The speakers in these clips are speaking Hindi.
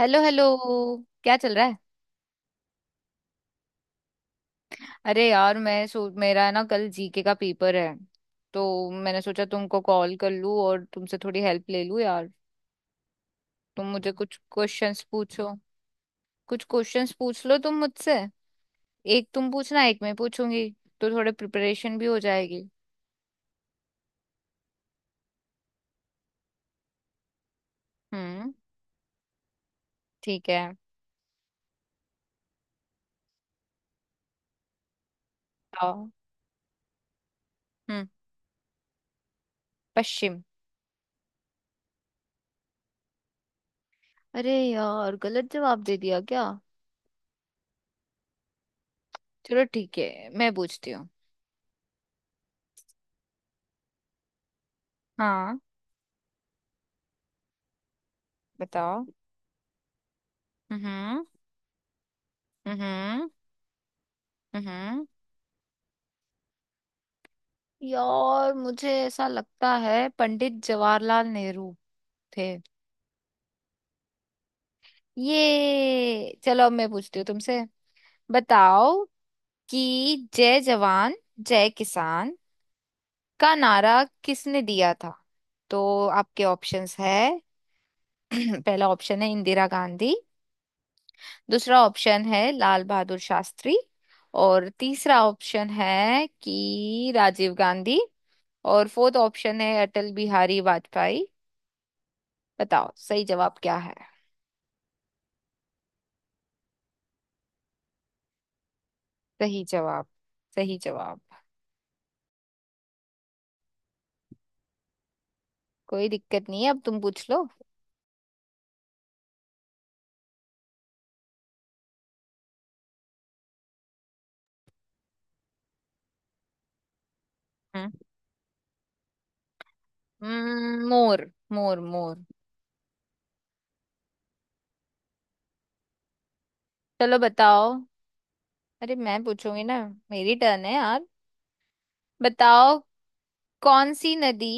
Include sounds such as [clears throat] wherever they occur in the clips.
Hello hello. क्या चल रहा है? अरे यार मैं सो मेरा ना कल जीके का पेपर है। तो मैंने सोचा तुमको कॉल कर लूं और तुमसे थोड़ी हेल्प ले लूं यार। तुम मुझे कुछ क्वेश्चंस पूछो। कुछ क्वेश्चंस पूछ लो तुम मुझसे। एक तुम पूछना एक मैं पूछूंगी। तो थोड़े प्रिपरेशन भी हो जाएगी। हम्म। ठीक है। आओ। हम्म पश्चिम। अरे यार गलत जवाब दे दिया क्या? चलो ठीक है मैं पूछती हूँ। हाँ। बताओ। हम्म। हम्म। हम्म। यार मुझे ऐसा लगता है पंडित जवाहरलाल नेहरू थे। ये चलो अब मैं पूछती हूँ तुमसे। बताओ कि जय जवान जय किसान का नारा किसने दिया था। तो आपके ऑप्शंस है। [clears throat] पहला ऑप्शन है इंदिरा गांधी। दूसरा ऑप्शन है लाल बहादुर शास्त्री। और तीसरा ऑप्शन है कि राजीव गांधी। और फोर्थ ऑप्शन है अटल बिहारी वाजपेयी। बताओ सही जवाब क्या है? सही जवाब। सही जवाब। कोई दिक्कत नहीं है अब तुम पूछ लो। हम्म। मोर मोर मोर। चलो बताओ। अरे मैं पूछूंगी ना। मेरी टर्न है यार। बताओ। कौन सी नदी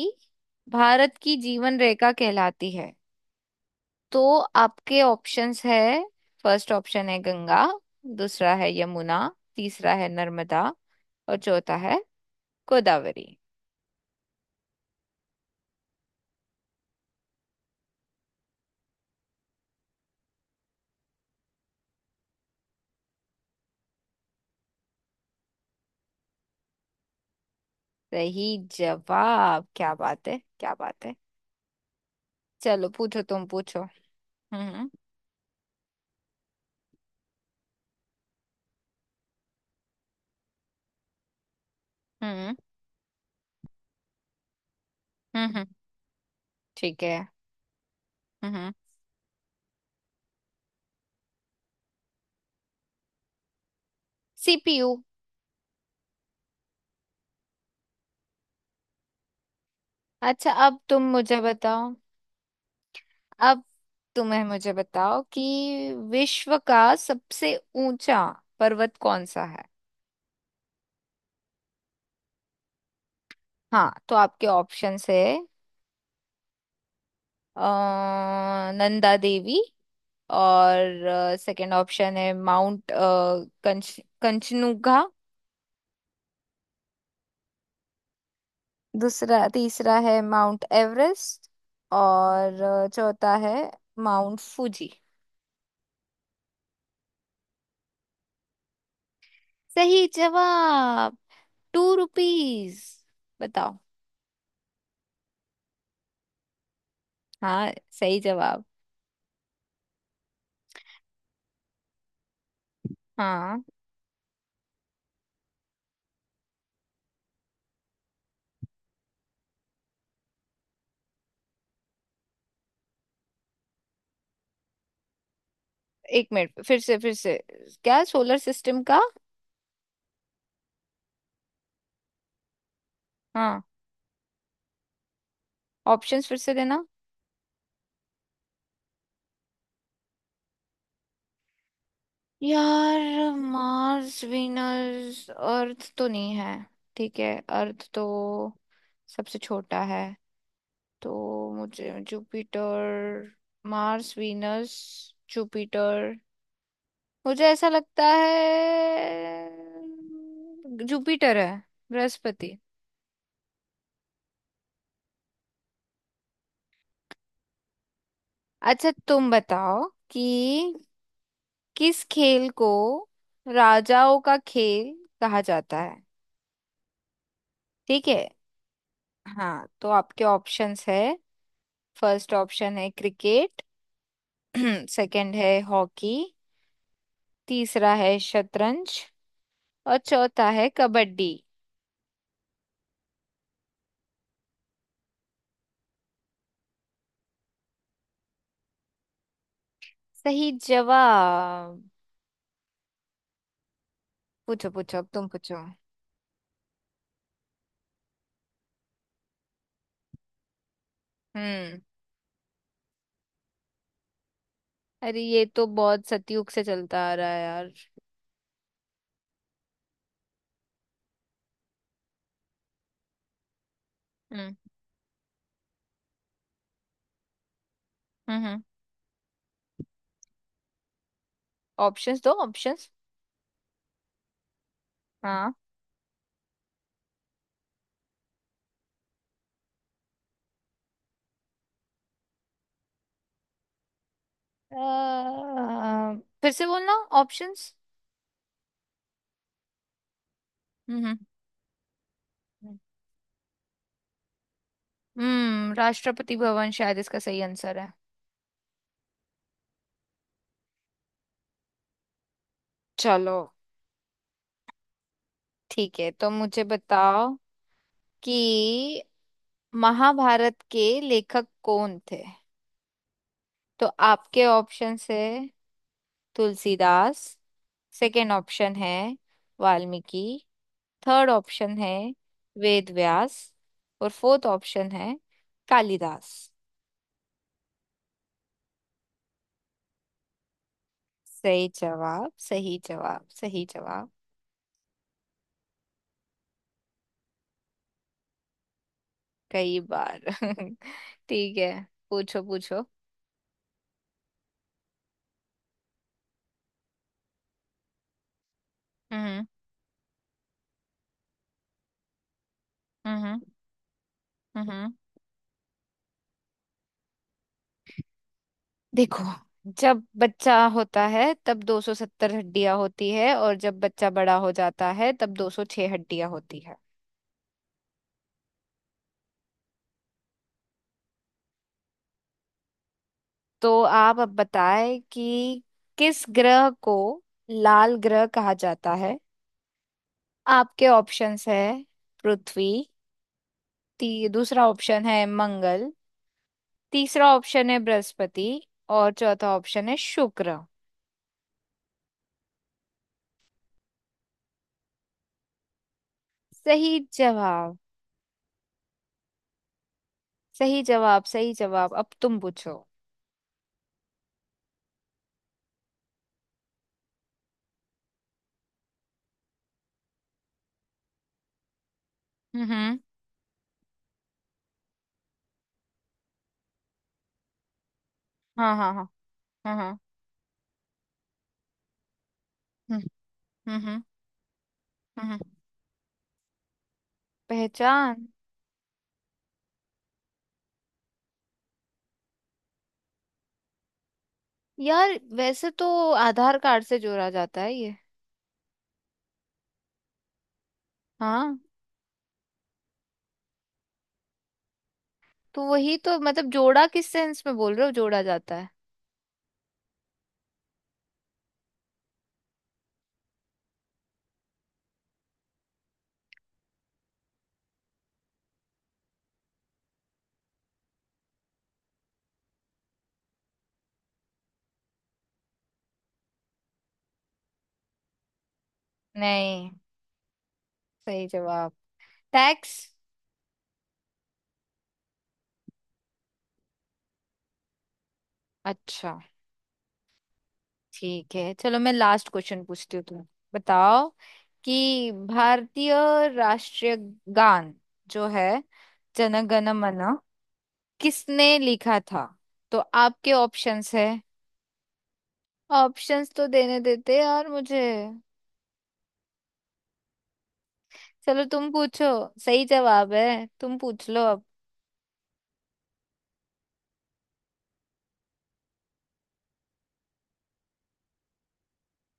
भारत की जीवन रेखा कहलाती है? तो आपके ऑप्शंस है। फर्स्ट ऑप्शन है गंगा। दूसरा है यमुना। तीसरा है नर्मदा। और चौथा है गोदावरी। सही जवाब। क्या बात है! क्या बात है! चलो पूछो तुम पूछो। हम्म। हम्म। हम्म। ठीक है। हम्म। सीपीयू। अच्छा अब तुम मुझे बताओ। अब तुम्हें मुझे बताओ कि विश्व का सबसे ऊंचा पर्वत कौन सा है? हाँ तो आपके ऑप्शंस है। नंदा देवी। और सेकंड ऑप्शन है माउंट कंच कंचनुगा। दूसरा तीसरा है माउंट एवरेस्ट। और चौथा है माउंट फूजी। सही जवाब। Two rupees. बताओ। हाँ। सही जवाब। हाँ। एक मिनट फिर से फिर से। क्या सोलर सिस्टम का? हाँ। ऑप्शंस फिर से देना। यार मार्स वीनस अर्थ तो नहीं है। ठीक है। अर्थ तो सबसे छोटा है। तो मुझे जुपिटर। Mars Venus Jupiter. मुझे ऐसा लगता है जुपिटर है। बृहस्पति। अच्छा तुम बताओ कि किस खेल को राजाओं का खेल कहा जाता है। ठीक है। हाँ तो आपके ऑप्शंस है। फर्स्ट ऑप्शन है क्रिकेट। [clears throat] सेकंड है हॉकी। तीसरा है शतरंज। और चौथा है कबड्डी। सही जवाब। पूछो पूछो अब तुम पूछो। हम्म। अरे ये तो बहुत सतयुग से चलता आ रहा है यार। हम्म। हम्म। हम्म। ऑप्शंस दो ऑप्शंस। हाँ। अ, फिर से बोलना। ऑप्शंस। हम्म। हम्म। राष्ट्रपति भवन शायद इसका सही आंसर है। चलो ठीक है तो मुझे बताओ कि महाभारत के लेखक कौन थे। तो आपके ऑप्शन है। तुलसीदास। सेकंड ऑप्शन है वाल्मीकि। थर्ड ऑप्शन है वेदव्यास। और फोर्थ ऑप्शन है कालिदास। सही जवाब। सही जवाब। सही जवाब। कई बार। [laughs] ठीक है। पूछो पूछो। हम्म। हम्म। हम्म। देखो जब बच्चा होता है तब 270 हड्डियां होती है और जब बच्चा बड़ा हो जाता है तब 206 हड्डियां होती है। तो आप अब बताएं कि किस ग्रह को लाल ग्रह कहा जाता है। आपके ऑप्शंस है। पृथ्वी। दूसरा ऑप्शन है मंगल। तीसरा ऑप्शन है बृहस्पति। और चौथा ऑप्शन है शुक्र। सही जवाब। सही जवाब। सही जवाब। अब तुम पूछो। हम्म। हाँ हाँ हाँ। हाँ हाँ। हम्म। हम्म। हम्म पहचान। यार वैसे तो आधार कार्ड से जोड़ा जाता है ये। हाँ। तो वही तो मतलब जोड़ा किस सेंस में बोल रहे हो जोड़ा जाता है? नहीं। सही जवाब। टैक्स। अच्छा। ठीक है चलो मैं लास्ट क्वेश्चन पूछती हूँ। तुम बताओ कि भारतीय राष्ट्रीय गान जो है जन गण मन किसने लिखा था। तो आपके ऑप्शंस है। ऑप्शंस तो देने देते यार मुझे। चलो तुम पूछो। सही जवाब है तुम पूछ लो अब।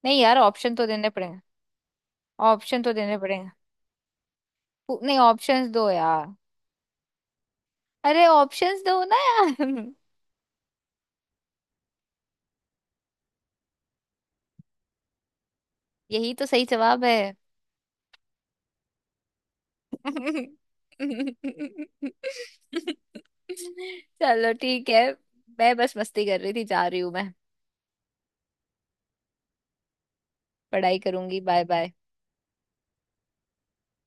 नहीं यार ऑप्शन तो देने पड़ेंगे। ऑप्शन तो देने पड़ेंगे। नहीं ऑप्शंस दो यार। अरे ऑप्शंस दो ना यार [laughs] यही तो सही जवाब है। [laughs] चलो ठीक है। मैं बस मस्ती कर रही थी जा रही हूँ मैं। पढ़ाई करूंगी बाय बाय।